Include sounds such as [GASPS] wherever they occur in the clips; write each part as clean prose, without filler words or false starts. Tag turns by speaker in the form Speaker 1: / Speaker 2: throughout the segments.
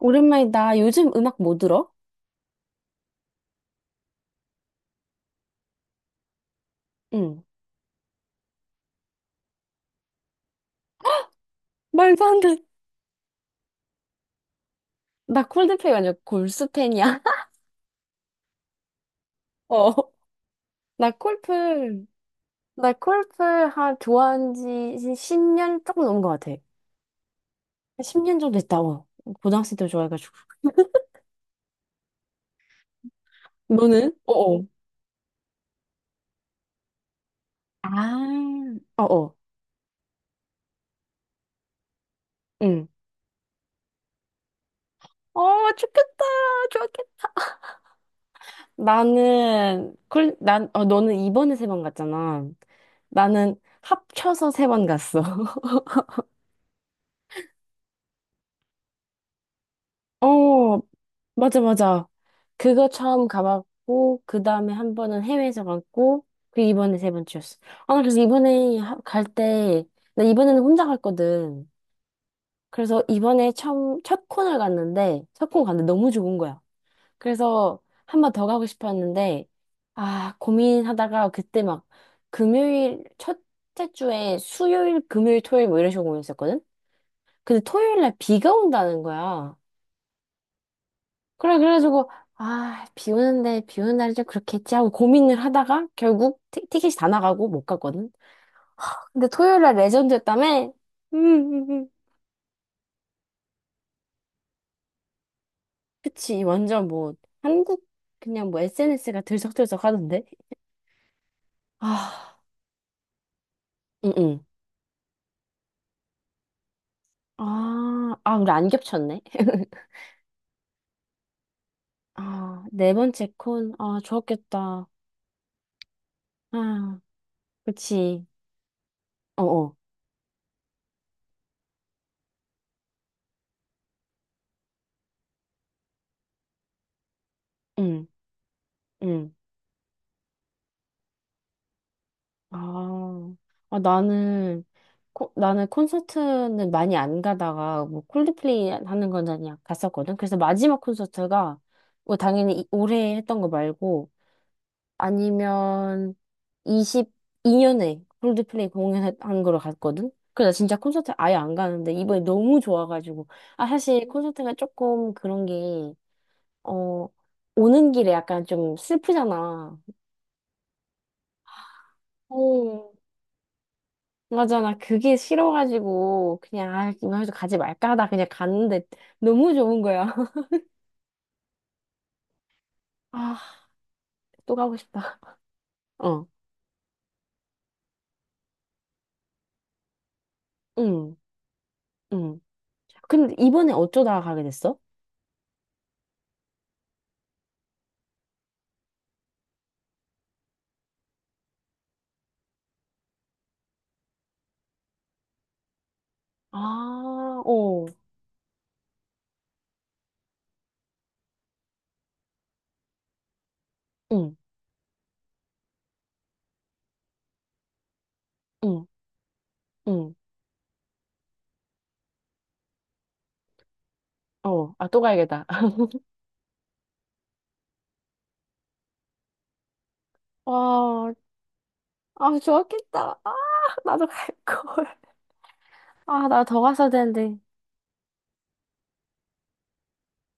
Speaker 1: 오랜만이다. 요즘 음악 뭐 들어? 응. 말도 안 돼. 나 콜드플레이가 아니라 골수 팬이야. [LAUGHS] 어. 나 콜플, 나 콜플 한 좋아한 지 10년 조금 넘은 것 같아. 10년 정도 됐다. 어. 고등학생 때 좋아해가지고. 너는? 어어. 아. 어어. 응. 어, 좋겠다. 좋겠다. 나는, 콜, 난, 어, 너는 이번에 세 번 갔잖아. 나는 합쳐서 세 번 갔어. [LAUGHS] 어, 맞아, 맞아. 그거 처음 가봤고, 그 다음에 한 번은 해외에서 갔고, 그리고 이번에 세 번째였어. 아, 나 그래서 이번에 갈 때, 나 이번에는 혼자 갔거든. 그래서 첫 콘을 갔는데, 첫 콘 갔는데 너무 좋은 거야. 그래서 한 번 더 가고 싶었는데, 아, 고민하다가 그때 막 금요일, 첫째 주에 수요일, 금요일, 토요일 뭐 이런 식으로 고민했었거든? 근데 토요일 날 비가 온다는 거야. 그래, 그래가지고, 아, 비 오는 날이 좀 그렇겠지 하고 고민을 하다가 결국 티켓이 다 나가고 못 갔거든. 근데 토요일 날 레전드였다며? 음, 음, 음. 그치. 한국, 그냥 뭐 SNS가 들썩들썩 하던데? 아, 응, 응. 아, 아, 우리 안 겹쳤네. [LAUGHS] 아, 네 번째 콘. 아, 좋았겠다. 아, 그치. 어어. 응, 응. 아, 아, 나는 콘서트는 많이 안 가다가 뭐 콜드플레이 하는 건 그냥 갔었거든. 그래서 마지막 콘서트가 뭐 당연히 올해 했던 거 말고 아니면 22년에 콜드플레이 공연한 거로 갔거든. 그래서 나 진짜 콘서트 아예 안 가는데 이번에 너무 좋아가지고 아 사실 콘서트가 조금 그런 게 어 오는 길에 약간 좀 슬프잖아. 어, 맞아, 나 그게 싫어가지고, 그냥, 아, 이번 주 가지 말까 하다 그냥 갔는데 너무 좋은 거야. [LAUGHS] 아, 또 가고 싶다. 어, 응, 응. 근데 이번에 어쩌다가 가게 됐어? 아, 오, 응, 응, 응. 어, 아, 또 가야겠다. [LAUGHS] 와, 아, 좋았겠다. 아, 나도 갈 걸. 아, 나 더 갔어야 되는데.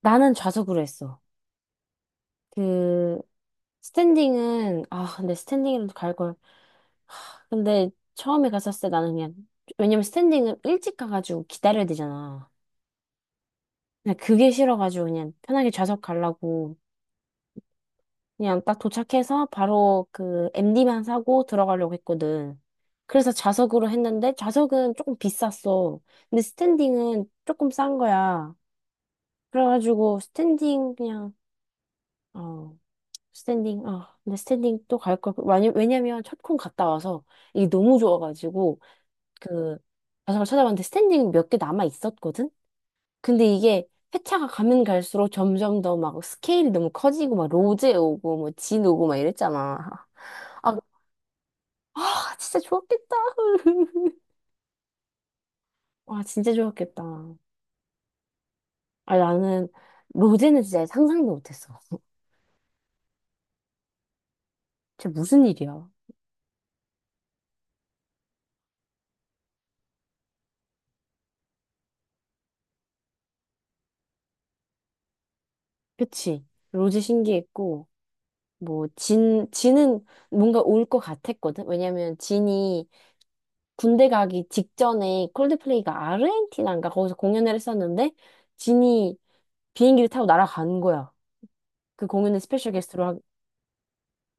Speaker 1: 나는 좌석으로 했어. 그, 근데 스탠딩은 갈 걸. 근데 처음에 갔었을 때 나는 그냥 왜냐면 스탠딩을 일찍 가가지고 기다려야 되잖아. 그냥 그게 싫어가지고 그냥 편하게 좌석 가려고 그냥 딱 도착해서 바로 그 MD만 사고 들어가려고 했거든. 그래서 좌석으로 했는데 좌석은 조금 비쌌어. 근데 스탠딩은 조금 싼 거야. 그래가지고 스탠딩 그냥 어 스탠딩 아 근데 스탠딩 또 갈 걸. 왜냐면 첫콘 갔다 와서 이게 너무 좋아가지고 그 좌석을 찾아봤는데 스탠딩 몇 개 남아 있었거든? 근데 이게 회차가 가면 갈수록 점점 더 막 스케일이 너무 커지고 막 로제 오고 뭐 진 오고 막 이랬잖아. 아, 아 진짜 좋았겠다. [LAUGHS] 와 진짜 좋았겠다. 아 나는 로제는 진짜 상상도 못했어. 진짜 무슨 일이야? 그치? 로제 신기했고 뭐 진은 뭔가 올 것 같았거든? 왜냐면 진이 군대 가기 직전에 콜드플레이가 아르헨티나인가 거기서 공연을 했었는데 진이 비행기를 타고 날아간 거야. 그 공연을 스페셜 게스트로 하.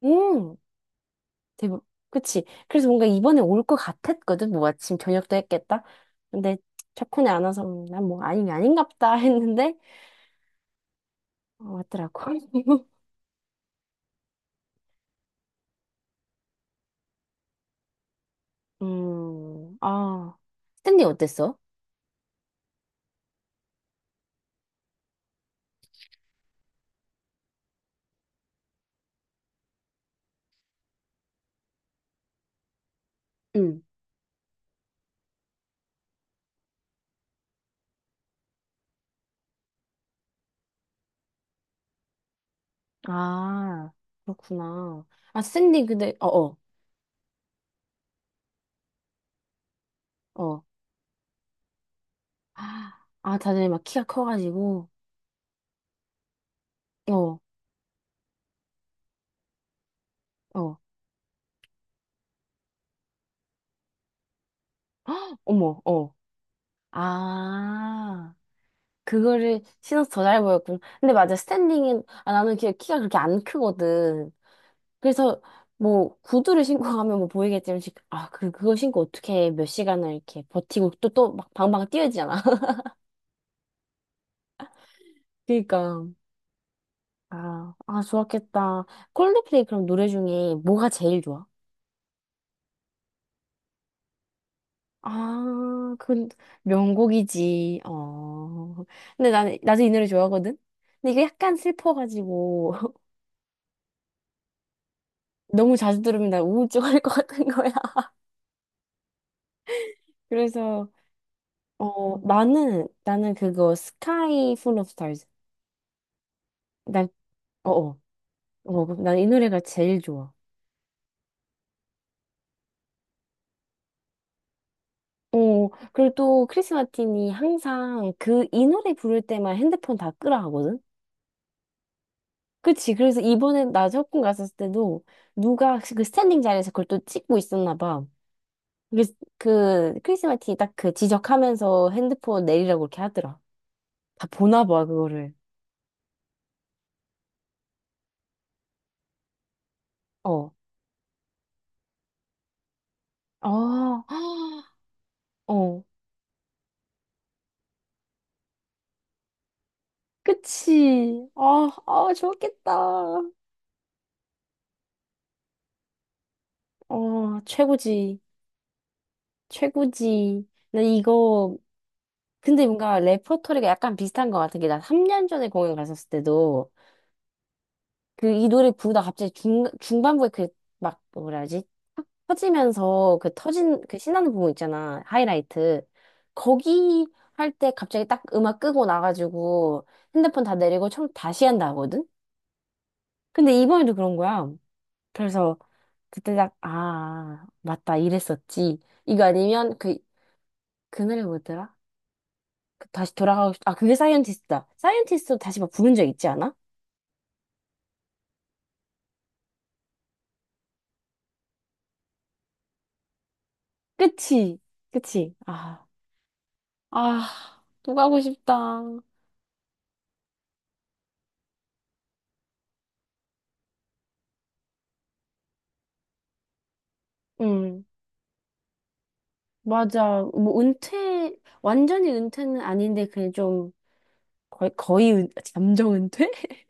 Speaker 1: 음, 대박. 그치. 그래서 뭔가 이번에 올 것 같았거든. 뭐 아침 저녁도 했겠다. 근데 척훈이 안 와서 난뭐 아닌 게 아닌갑다 [LAUGHS] 했는데 어, 왔더라고. [LAUGHS] 아, 스탠딩 어땠어? 응. 아, 그렇구나. 아, 스탠딩 근데 어어 어. 어, 어. 아, 다들 막 키가 커가지고. 어, 어, 어머, 어. 아, 그거를 신어서 더 잘 보였군. 근데 맞아, 스탠딩은, 아, 나는 이렇게 키가 그렇게 안 크거든. 그래서, 뭐, 구두를 신고 가면 뭐 보이겠지만, 그거 신고 어떻게 몇 시간을 이렇게 버티고 또, 또 막 방방 뛰어지잖아. [LAUGHS] 그니까. 아, 아, 좋았겠다. 콜드플레이 그럼 노래 중에 뭐가 제일 좋아? 아, 그, 명곡이지. 어. 나도 이 노래 좋아하거든? 근데 이게 약간 슬퍼가지고. 너무 자주 들으면 나 우울증할 [LAUGHS] 것 같은 거야. [LAUGHS] 그래서 나는 그거 스카이 풀 오브 스타즈. 난 어어 난 이 노래가 제일 좋아. 어 그리고 또 크리스 마틴이 항상 그 이 노래 부를 때만 핸드폰 다 끄라 하거든. 그치. 그래서 이번에 나 적군 갔었을 때도 누가 그 스탠딩 자리에서 그걸 또 찍고 있었나 봐. 그래서 그 크리스 마틴이 딱 그 지적하면서 핸드폰 내리라고 이렇게 하더라. 다 보나 봐 그거를. 어. 아, [GASPS] 어, 그치. 아, 아, 좋겠다. 어, 최고지. 최고지. 근데 뭔가 레퍼토리가 약간 비슷한 것 같은 게, 나 3년 전에 공연 갔었을 때도, 이 노래 부르다 갑자기 중반부에 뭐라 하지? 탁 터지면서, 그 터진, 그 신나는 부분 있잖아. 하이라이트. 거기 할 때 갑자기 딱 음악 끄고 나가지고, 핸드폰 다 내리고 처음 다시 한다 하거든? 근데 이번에도 그런 거야. 그래서 그때 딱, 아, 맞다, 이랬었지. 이거 아니면 그, 그 노래 뭐더라? 그 다시 돌아가고 싶, 아, 그게 사이언티스트다. 사이언티스트 다시 막 부른 적 있지 않아? 그치, 그치. 아, 아, 또 가고 싶다. 응, 맞아. 완전히 은퇴는 아닌데, 그냥 좀, 잠정 은퇴? [LAUGHS]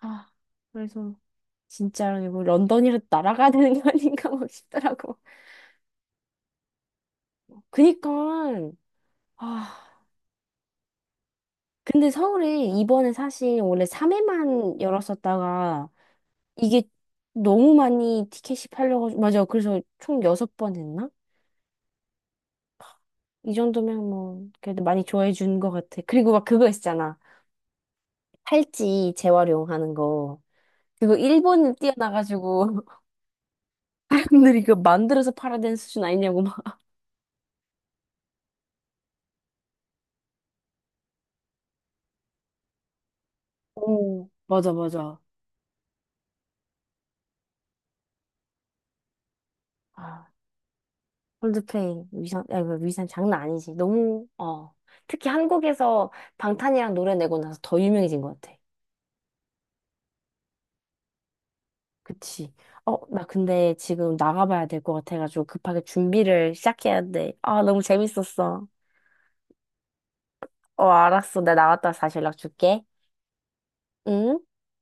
Speaker 1: 아, 그래서, 진짜, 이거 런던이라도 날아가야 되는 거 아닌가 막 싶더라고. 그니까, 아. 근데 서울에 이번에 사실 원래 3회만 열었었다가 이게 너무 많이 티켓이 팔려가지고 맞아 그래서 총 6번 했나? 이 정도면 뭐 그래도 많이 좋아해 준 것 같아 그리고 막 그거 있잖아 팔찌 재활용하는 거 그거 일본을 뛰어나가지고 [LAUGHS] 사람들이 이거 만들어서 팔아야 되는 수준 아니냐고 막 오, 맞아 맞아 아 콜드플레이 위상 아 이거 위상 장난 아니지 너무 어 특히 한국에서 방탄이랑 노래 내고 나서 더 유명해진 것 같아 그치. 어, 나 근데 지금 나가봐야 될 것 같아가지고 급하게 준비를 시작해야 돼. 아, 너무 재밌었어. 어, 알았어. 나 나갔다 다시 연락 줄게. 응?